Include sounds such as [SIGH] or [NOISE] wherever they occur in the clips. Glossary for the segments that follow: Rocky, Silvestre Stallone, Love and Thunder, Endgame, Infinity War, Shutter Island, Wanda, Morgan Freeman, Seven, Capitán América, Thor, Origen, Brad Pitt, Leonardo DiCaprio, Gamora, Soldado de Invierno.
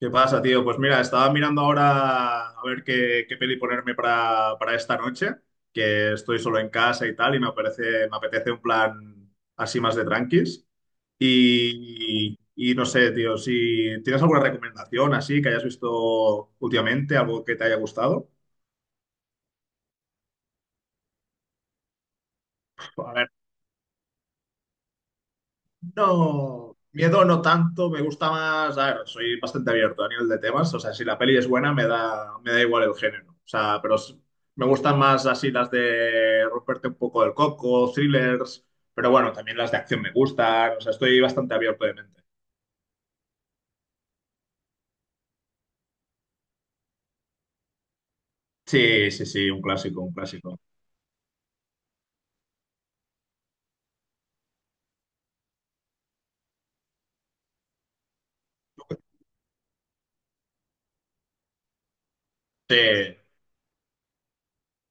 ¿Qué pasa, tío? Pues mira, estaba mirando ahora a ver qué peli ponerme para esta noche, que estoy solo en casa y tal, y me apetece un plan así más de tranquis. Y, y y no sé, tío, si tienes alguna recomendación así que hayas visto últimamente, algo que te haya gustado. A ver. No, miedo no tanto, me gusta más, a ver, soy bastante abierto a nivel de temas, o sea, si la peli es buena me da igual el género, o sea, pero me gustan más así las de romperte un poco el coco, thrillers, pero bueno, también las de acción me gustan, o sea, estoy bastante abierto de mente. Sí, sí, sí, un clásico, un clásico. Sí.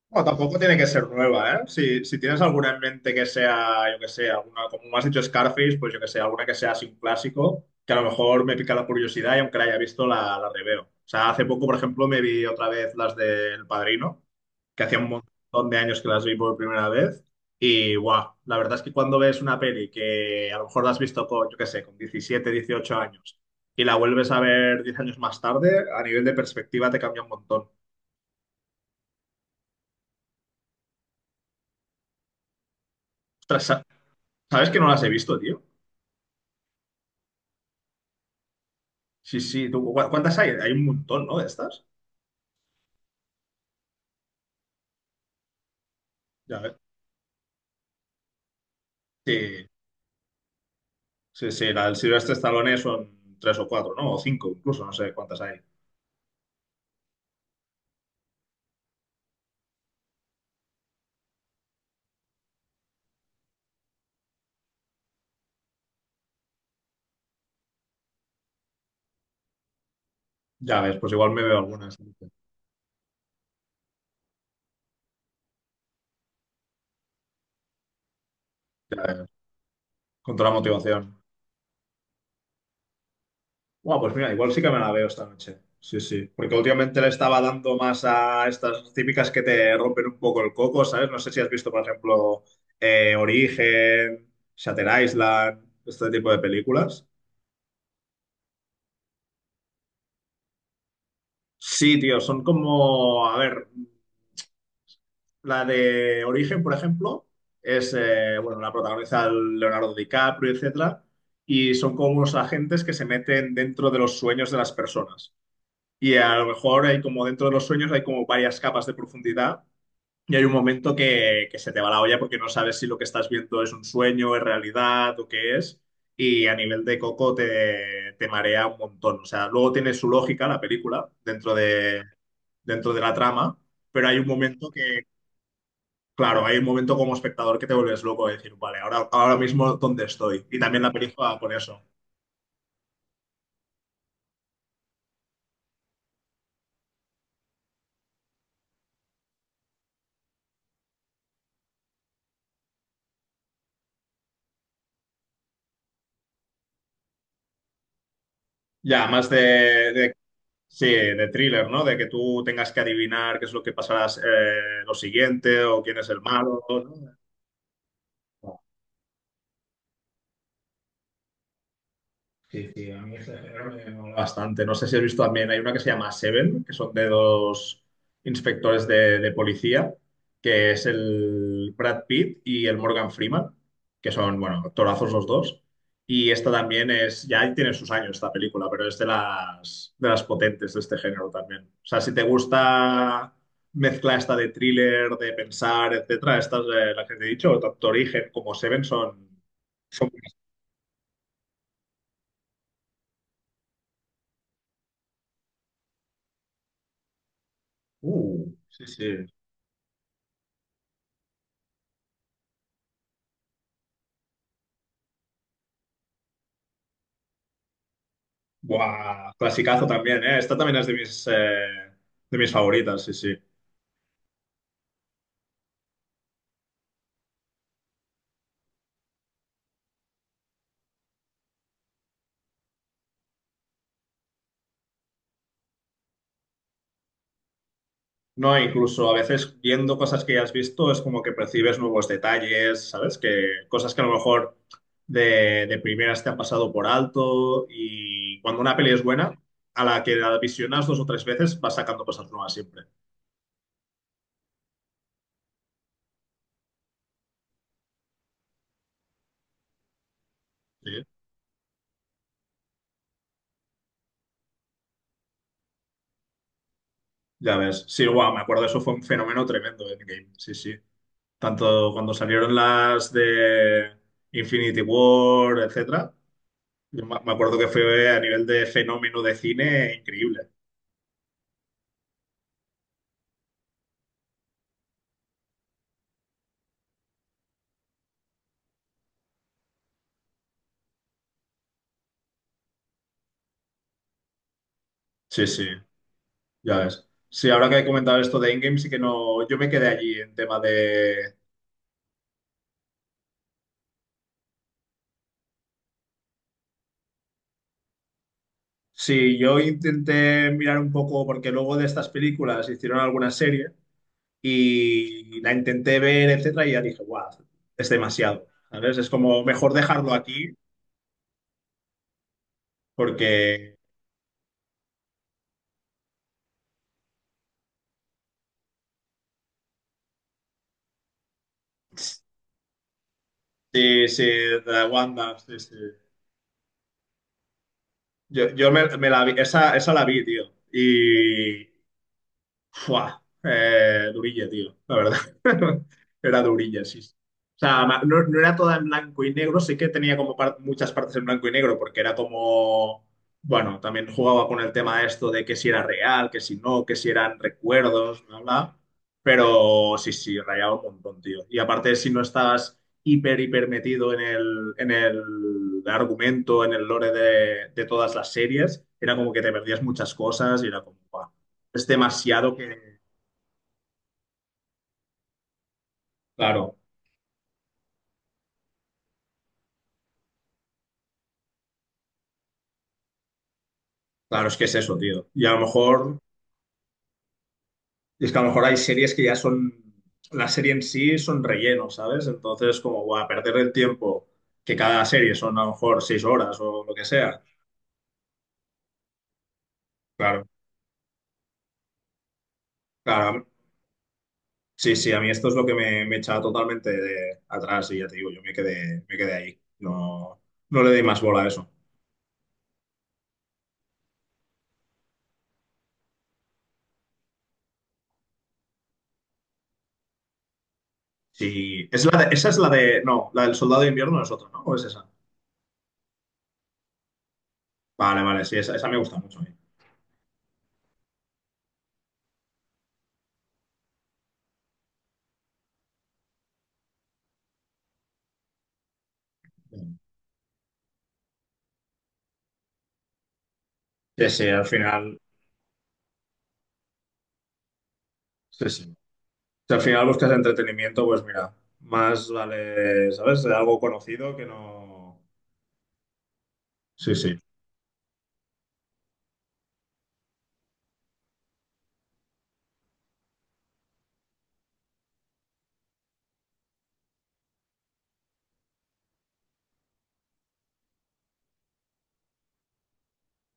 No, tampoco tiene que ser nueva, ¿eh? Si tienes alguna en mente que sea, yo que sé, alguna, como me has dicho Scarface, pues yo que sé, alguna que sea así un clásico, que a lo mejor me pica la curiosidad y aunque la haya visto, la reveo. O sea, hace poco, por ejemplo, me vi otra vez las del Padrino, que hacía un montón de años que las vi por primera vez. Y guau, la verdad es que cuando ves una peli que a lo mejor la has visto con, yo que sé, con 17 18 años y la vuelves a ver 10 años más tarde, a nivel de perspectiva te cambia un montón. Ostras, ¿sabes que no las he visto, tío? Sí, sí. ¿Tú, cuántas hay? Hay un montón, ¿no? De estas. Ya ves. Sí, sí, sí. La del Silvestre Stallone son tres o cuatro, ¿no? O cinco incluso, no sé cuántas hay. Ya ves, pues igual me veo algunas. Ya ves, con toda la motivación. Bueno, pues mira, igual sí que me la veo esta noche. Sí, sí. Porque últimamente le estaba dando más a estas típicas que te rompen un poco el coco, ¿sabes? No sé si has visto, por ejemplo, Origen, Shutter Island, este tipo de películas. Sí, tío, son como, a ver. La de Origen, por ejemplo, bueno, la protagoniza el Leonardo DiCaprio, etcétera, y son como unos agentes que se meten dentro de los sueños de las personas. Y a lo mejor hay como dentro de los sueños hay como varias capas de profundidad y hay un momento que se te va la olla porque no sabes si lo que estás viendo es un sueño, es realidad o qué es. Y a nivel de coco te marea un montón. O sea, luego tiene su lógica la película dentro de la trama, pero hay un momento que. Claro, hay un momento como espectador que te vuelves loco de decir, vale, ahora mismo dónde estoy. Y también la película por eso. Ya, más de, de- sí, de thriller, ¿no? De que tú tengas que adivinar qué es lo que pasará lo siguiente o quién es el malo, ¿no? Sí, sí, a mí este género me mola bastante. No sé si has visto también, hay una que se llama Seven, que son de dos inspectores de policía, que es el Brad Pitt y el Morgan Freeman, que son, bueno, actorazos los dos. Y esta también ya tiene sus años esta película, pero es de las potentes de este género también. O sea, si te gusta mezcla esta de thriller, de pensar, etcétera, estas, las que te he dicho, tanto Origen como Seven son. Sí, sí. Buah, clasicazo también, ¿eh? Esta también es de mis favoritas, sí, sí. No, incluso a veces viendo cosas que ya has visto es como que percibes nuevos detalles, ¿sabes? Que cosas que a lo mejor de primeras te han pasado por alto y cuando una peli es buena, a la que la visionas dos o tres veces vas sacando cosas nuevas siempre. ¿Sí? Ya ves. Sí, guau, me acuerdo, eso fue un fenómeno tremendo en Game, sí, sí. Tanto cuando salieron las de Infinity War, etcétera. Yo me acuerdo que fue a nivel de fenómeno de cine increíble. Sí, sí, ya ves. Sí, ahora que he comentado esto de Endgame, sí que no. Yo me quedé allí en tema de. Sí, yo intenté mirar un poco, porque luego de estas películas hicieron alguna serie y la intenté ver, etcétera, y ya dije, guau, es demasiado. ¿Sabes? Es como mejor dejarlo aquí, porque. Sí, sí, de Wanda, sí, sí. Yo me la vi, esa la vi, tío. Y fua, durilla, tío, la verdad. [LAUGHS] Era durilla, sí. Sí. O sea, no, no era toda en blanco y negro, sí que tenía como muchas partes en blanco y negro, porque era como, bueno, también jugaba con el tema esto de que si era real, que si no, que si eran recuerdos, bla, bla. Pero sí, sí, rayaba un montón, tío. Y aparte, si no estabas hiper, hiper metido en el argumento, en el lore de todas las series, era como que te perdías muchas cosas y era como, "Buah, es demasiado que". Claro, claro, es que es eso, tío. Es que a lo mejor hay series que ya son, la serie en sí son relleno, ¿sabes? Entonces, como, guau, perder el tiempo, que cada serie son a lo mejor 6 horas o lo que sea. Claro, claro. Sí, sí, a mí esto es lo que me echaba totalmente de atrás y ya te digo, yo me quedé ahí. No, no le di más bola a eso. Sí, es esa es la de, no, la del Soldado de Invierno es otra, ¿no? ¿O es esa? Vale, vale, sí, esa me gusta mucho a mí. Sí, sí, al final, sí, sí. Si al final buscas entretenimiento, pues mira, más vale, ¿sabes? Algo conocido que no. Sí, sí.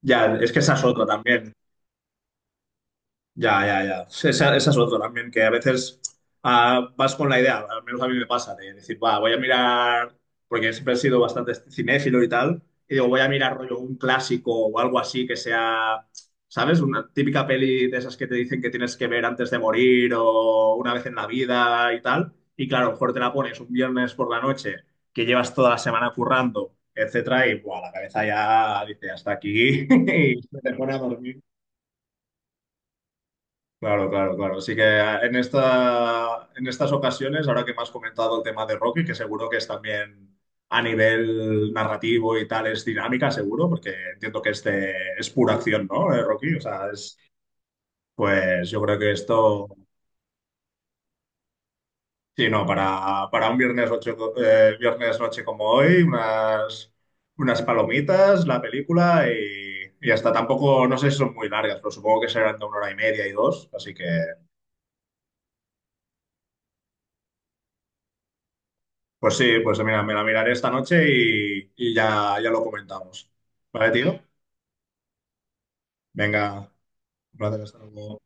Ya, es que esa es otra también. Ya, ya, ya. Sí, esa es otra también, que a veces vas con la idea, al menos a mí me pasa, de decir, va, voy a mirar, porque siempre he sido bastante cinéfilo y tal, y digo, voy a mirar rollo un clásico o algo así que sea, ¿sabes? Una típica peli de esas que te dicen que tienes que ver antes de morir o una vez en la vida y tal. Y claro, a lo mejor te la pones un viernes por la noche, que llevas toda la semana currando, etcétera, y buah, la cabeza ya dice, hasta aquí, [LAUGHS] y se te pone a dormir. Claro, claro, claro. Así que en estas ocasiones, ahora que me has comentado el tema de Rocky, que seguro que es también a nivel narrativo y tal, es dinámica, seguro, porque entiendo que este es pura acción, ¿no? Rocky, o sea, pues yo creo que esto, sí, no, para un viernes, viernes noche como hoy, unas palomitas, la película y hasta tampoco, no sé si son muy largas, pero supongo que serán de una hora y media y dos, así que. Pues sí, pues mira, me la miraré esta noche y ya lo comentamos. ¿Vale, tío? Venga, un placer, hasta luego.